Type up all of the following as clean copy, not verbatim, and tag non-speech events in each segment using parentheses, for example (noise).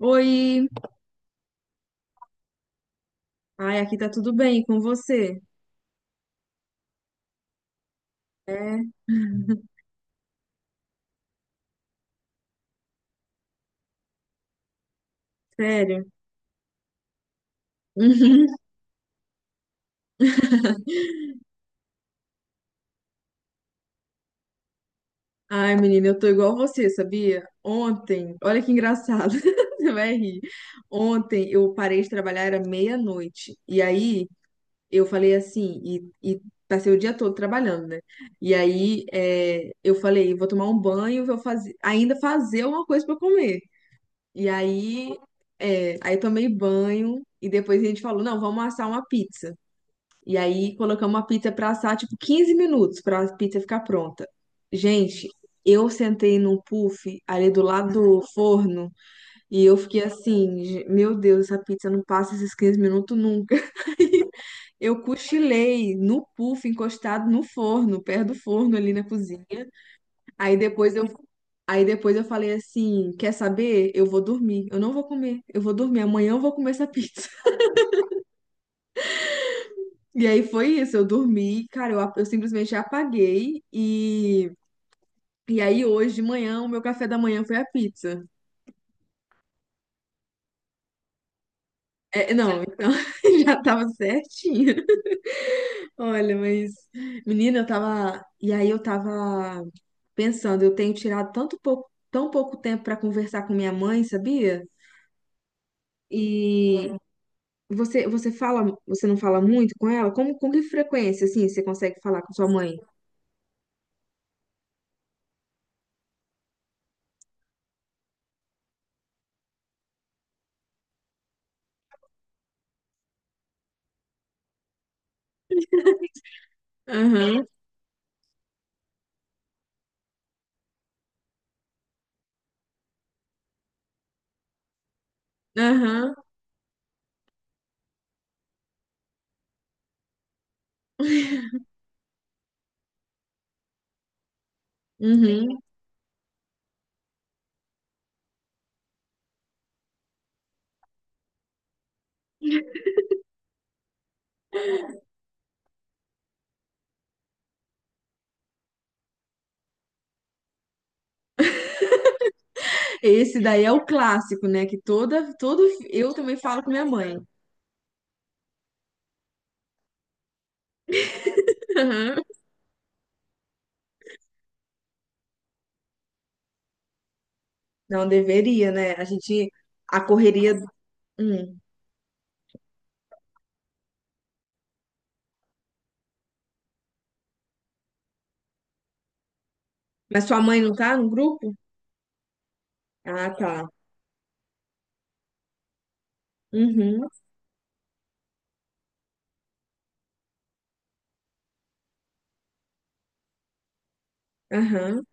Oi! Ai, aqui tá tudo bem com você? É, (laughs) sério. Uhum. Ai, menina, eu tô igual você, sabia? Ontem, olha que engraçado, (laughs) você vai rir. Ontem eu parei de trabalhar, era meia-noite. E aí eu falei assim, e passei o dia todo trabalhando, né? E aí eu falei, vou tomar um banho, vou fazer, ainda fazer uma coisa pra comer. E aí, tomei banho e depois a gente falou, não, vamos assar uma pizza. E aí colocamos a pizza pra assar, tipo, 15 minutos pra a pizza ficar pronta. Gente, eu sentei num puff ali do lado do forno e eu fiquei assim: Meu Deus, essa pizza não passa esses 15 minutos nunca." (laughs) Aí eu cochilei no puff, encostado no forno, perto do forno ali na cozinha. Aí depois eu Aí depois eu falei assim, quer saber? Eu vou dormir. Eu não vou comer. Eu vou dormir. Amanhã eu vou comer essa pizza. E aí foi isso, eu dormi, cara, eu simplesmente apaguei e aí hoje de manhã o meu café da manhã foi a pizza. É, não, então, (laughs) já tava certinho. Olha, mas menina, eu tava pensando, eu tenho tirado tão pouco tempo pra conversar com minha mãe, sabia? E você não fala muito com ela? Com que frequência assim você consegue falar com sua mãe? Aham, aham, uhum. Esse daí é o clássico, né? Que toda, todo Eu também falo com minha mãe. Aham. Não deveria, né? A gente a correria. Hum. Mas sua mãe não tá no grupo? Ah, tá. Uhum. Aham.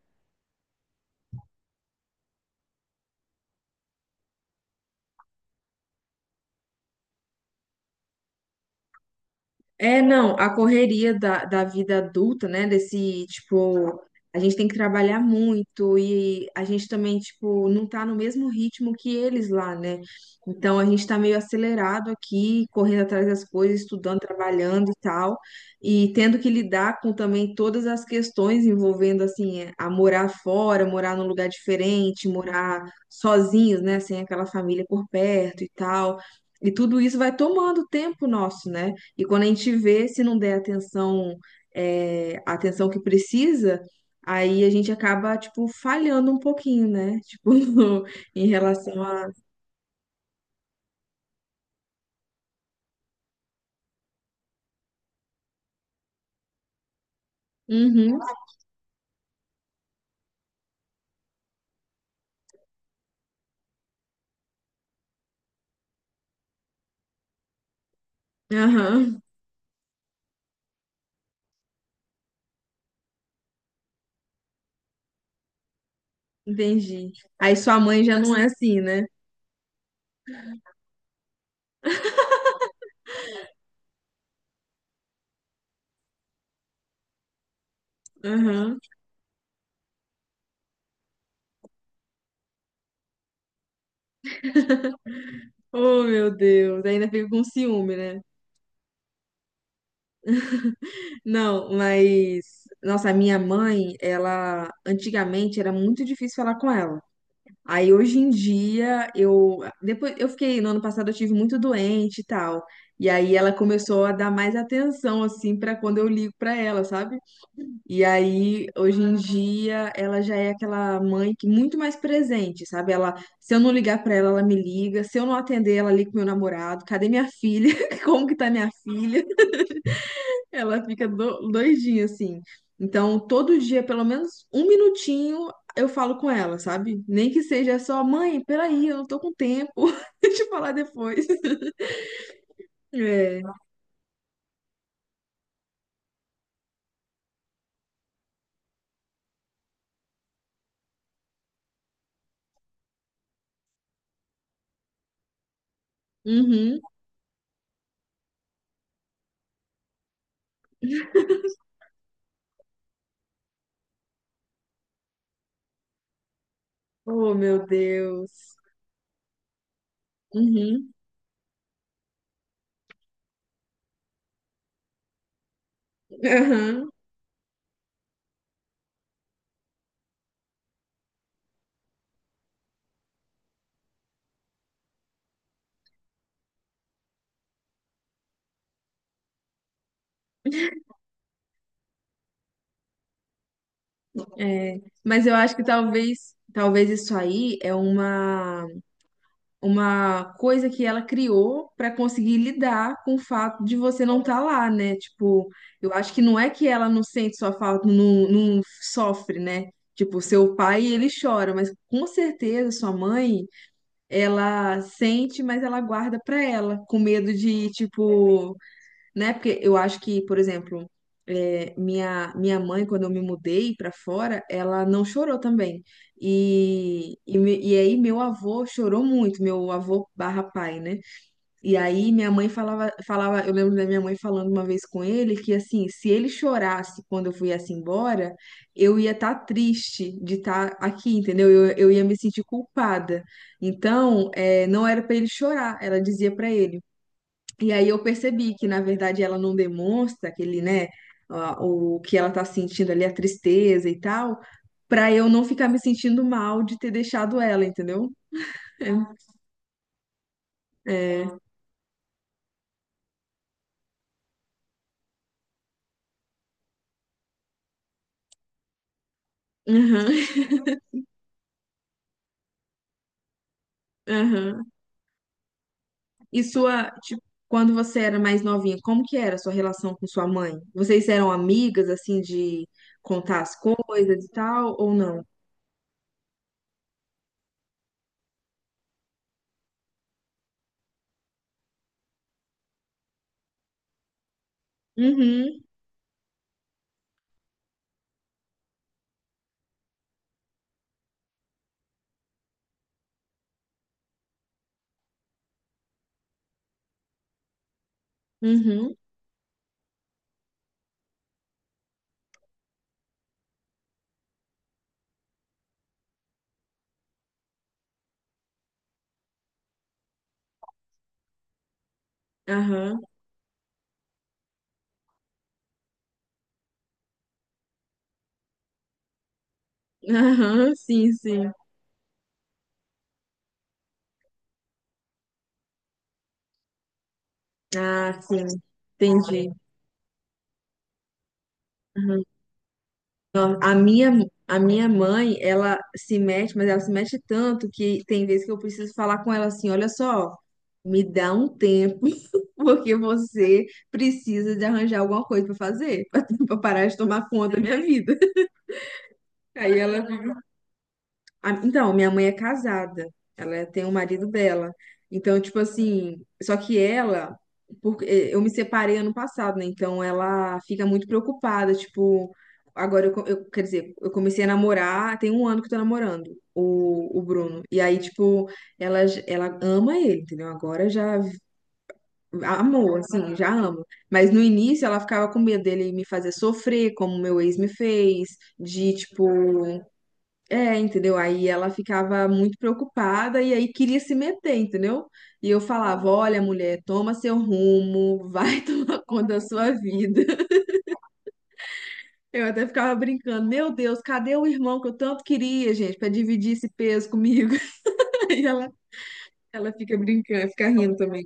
É, não, a correria da vida adulta, né? Desse, tipo, a gente tem que trabalhar muito e a gente também, tipo, não tá no mesmo ritmo que eles lá, né? Então a gente tá meio acelerado aqui, correndo atrás das coisas, estudando, trabalhando e tal, e tendo que lidar com também todas as questões envolvendo, assim, é, a morar fora, morar num lugar diferente, morar sozinhos, né? Sem aquela família por perto e tal. E tudo isso vai tomando tempo nosso, né? E quando a gente vê, se não der atenção, a atenção que precisa, aí a gente acaba, tipo, falhando um pouquinho, né? Tipo, (laughs) em relação a. Uhum, aham, entendi. Aí sua mãe já não é assim, né? Aham. Oh, meu Deus, ainda fica com ciúme, né? Não, mas. Nossa, a minha mãe, ela. Antigamente era muito difícil falar com ela. Aí hoje em dia eu, depois eu fiquei no ano passado, eu tive muito doente e tal. E aí ela começou a dar mais atenção assim pra quando eu ligo pra ela, sabe? E aí hoje em dia ela já é aquela mãe que muito mais presente, sabe? Ela Se eu não ligar pra ela, ela me liga. Se eu não atender, ela liga pro meu namorado. Cadê minha filha? (laughs) Como que tá minha filha? Ela fica doidinha, assim. Então, todo dia, pelo menos um minutinho, eu falo com ela, sabe? Nem que seja só, mãe, peraí, eu não tô com tempo. (laughs) Deixa eu falar depois. (laughs) É. Uhum. Oh, meu Deus. Uhum. Aham. É. Mas eu acho que talvez isso aí é Uma. Coisa que ela criou para conseguir lidar com o fato de você não estar lá, né? Tipo, eu acho que não é que ela não sente sua falta, não, não sofre, né? Tipo, seu pai, ele chora, mas com certeza sua mãe, ela sente, mas ela guarda pra ela, com medo de, tipo, né? Porque eu acho que, por exemplo, minha mãe, quando eu me mudei pra fora, ela não chorou também. E aí meu avô chorou muito, meu avô barra pai, né? E aí minha mãe falava, eu lembro da minha mãe falando uma vez com ele que assim, se ele chorasse quando eu viesse embora, eu ia estar triste de estar aqui, entendeu? Eu ia me sentir culpada. Então, não era pra ele chorar, ela dizia pra ele. E aí eu percebi que, na verdade, ela não demonstra aquele, né, o que ela tá sentindo ali, a tristeza e tal, pra eu não ficar me sentindo mal de ter deixado ela, entendeu? É. É. Aham, (laughs) aham. E tipo, quando você era mais novinha, como que era a sua relação com sua mãe? Vocês eram amigas, assim, de contar as coisas e tal, ou não? Uhum, uhum, aham, aham, sim, sim. Ah, sim, entendi. A minha mãe, ela se mete, mas ela se mete tanto que tem vezes que eu preciso falar com ela assim: olha só, me dá um tempo, (laughs) porque você precisa de arranjar alguma coisa para fazer, (laughs) para parar de tomar conta da minha vida. Aí ela Então, minha mãe é casada, tem o marido dela. Então, tipo assim, só que ela, porque eu me separei ano passado, né? Então ela fica muito preocupada, tipo, agora quer dizer, eu comecei a namorar, tem um ano que eu tô namorando o Bruno. E aí, tipo, ela ama ele, entendeu? Agora já amou, assim, já ama. Mas no início ela ficava com medo dele me fazer sofrer, como meu ex me fez, de, tipo. É, entendeu? Aí ela ficava muito preocupada e aí queria se meter, entendeu? E eu falava: Olha, mulher, toma seu rumo, vai (laughs) tomar conta da sua vida. (laughs) Eu até ficava brincando: Meu Deus, cadê o irmão que eu tanto queria, gente, pra dividir esse peso comigo? (laughs) Aí ela fica brincando, fica rindo também.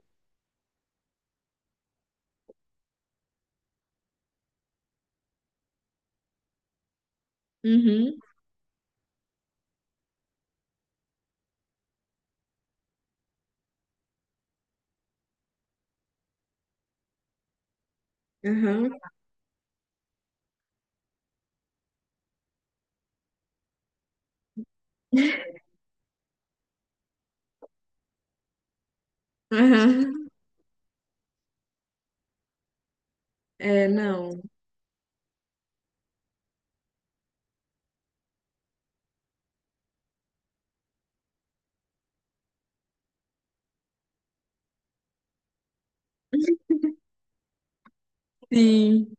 Uhum, aham, aham. É, não. Sim.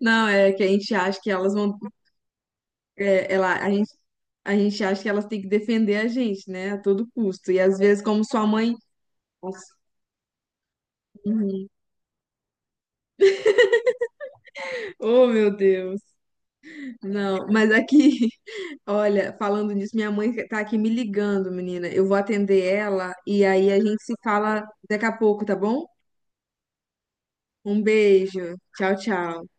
Não, é que a gente acha que elas vão. é, ela, a gente, a gente acha que elas têm que defender a gente, né, a todo custo. E às vezes, como sua mãe. Nossa. Uhum. Oh, meu Deus. Não, mas aqui, (laughs) olha, falando nisso, minha mãe tá aqui me ligando, menina. Eu vou atender ela e aí a gente se fala daqui a pouco, tá bom? Um beijo. Tchau, tchau.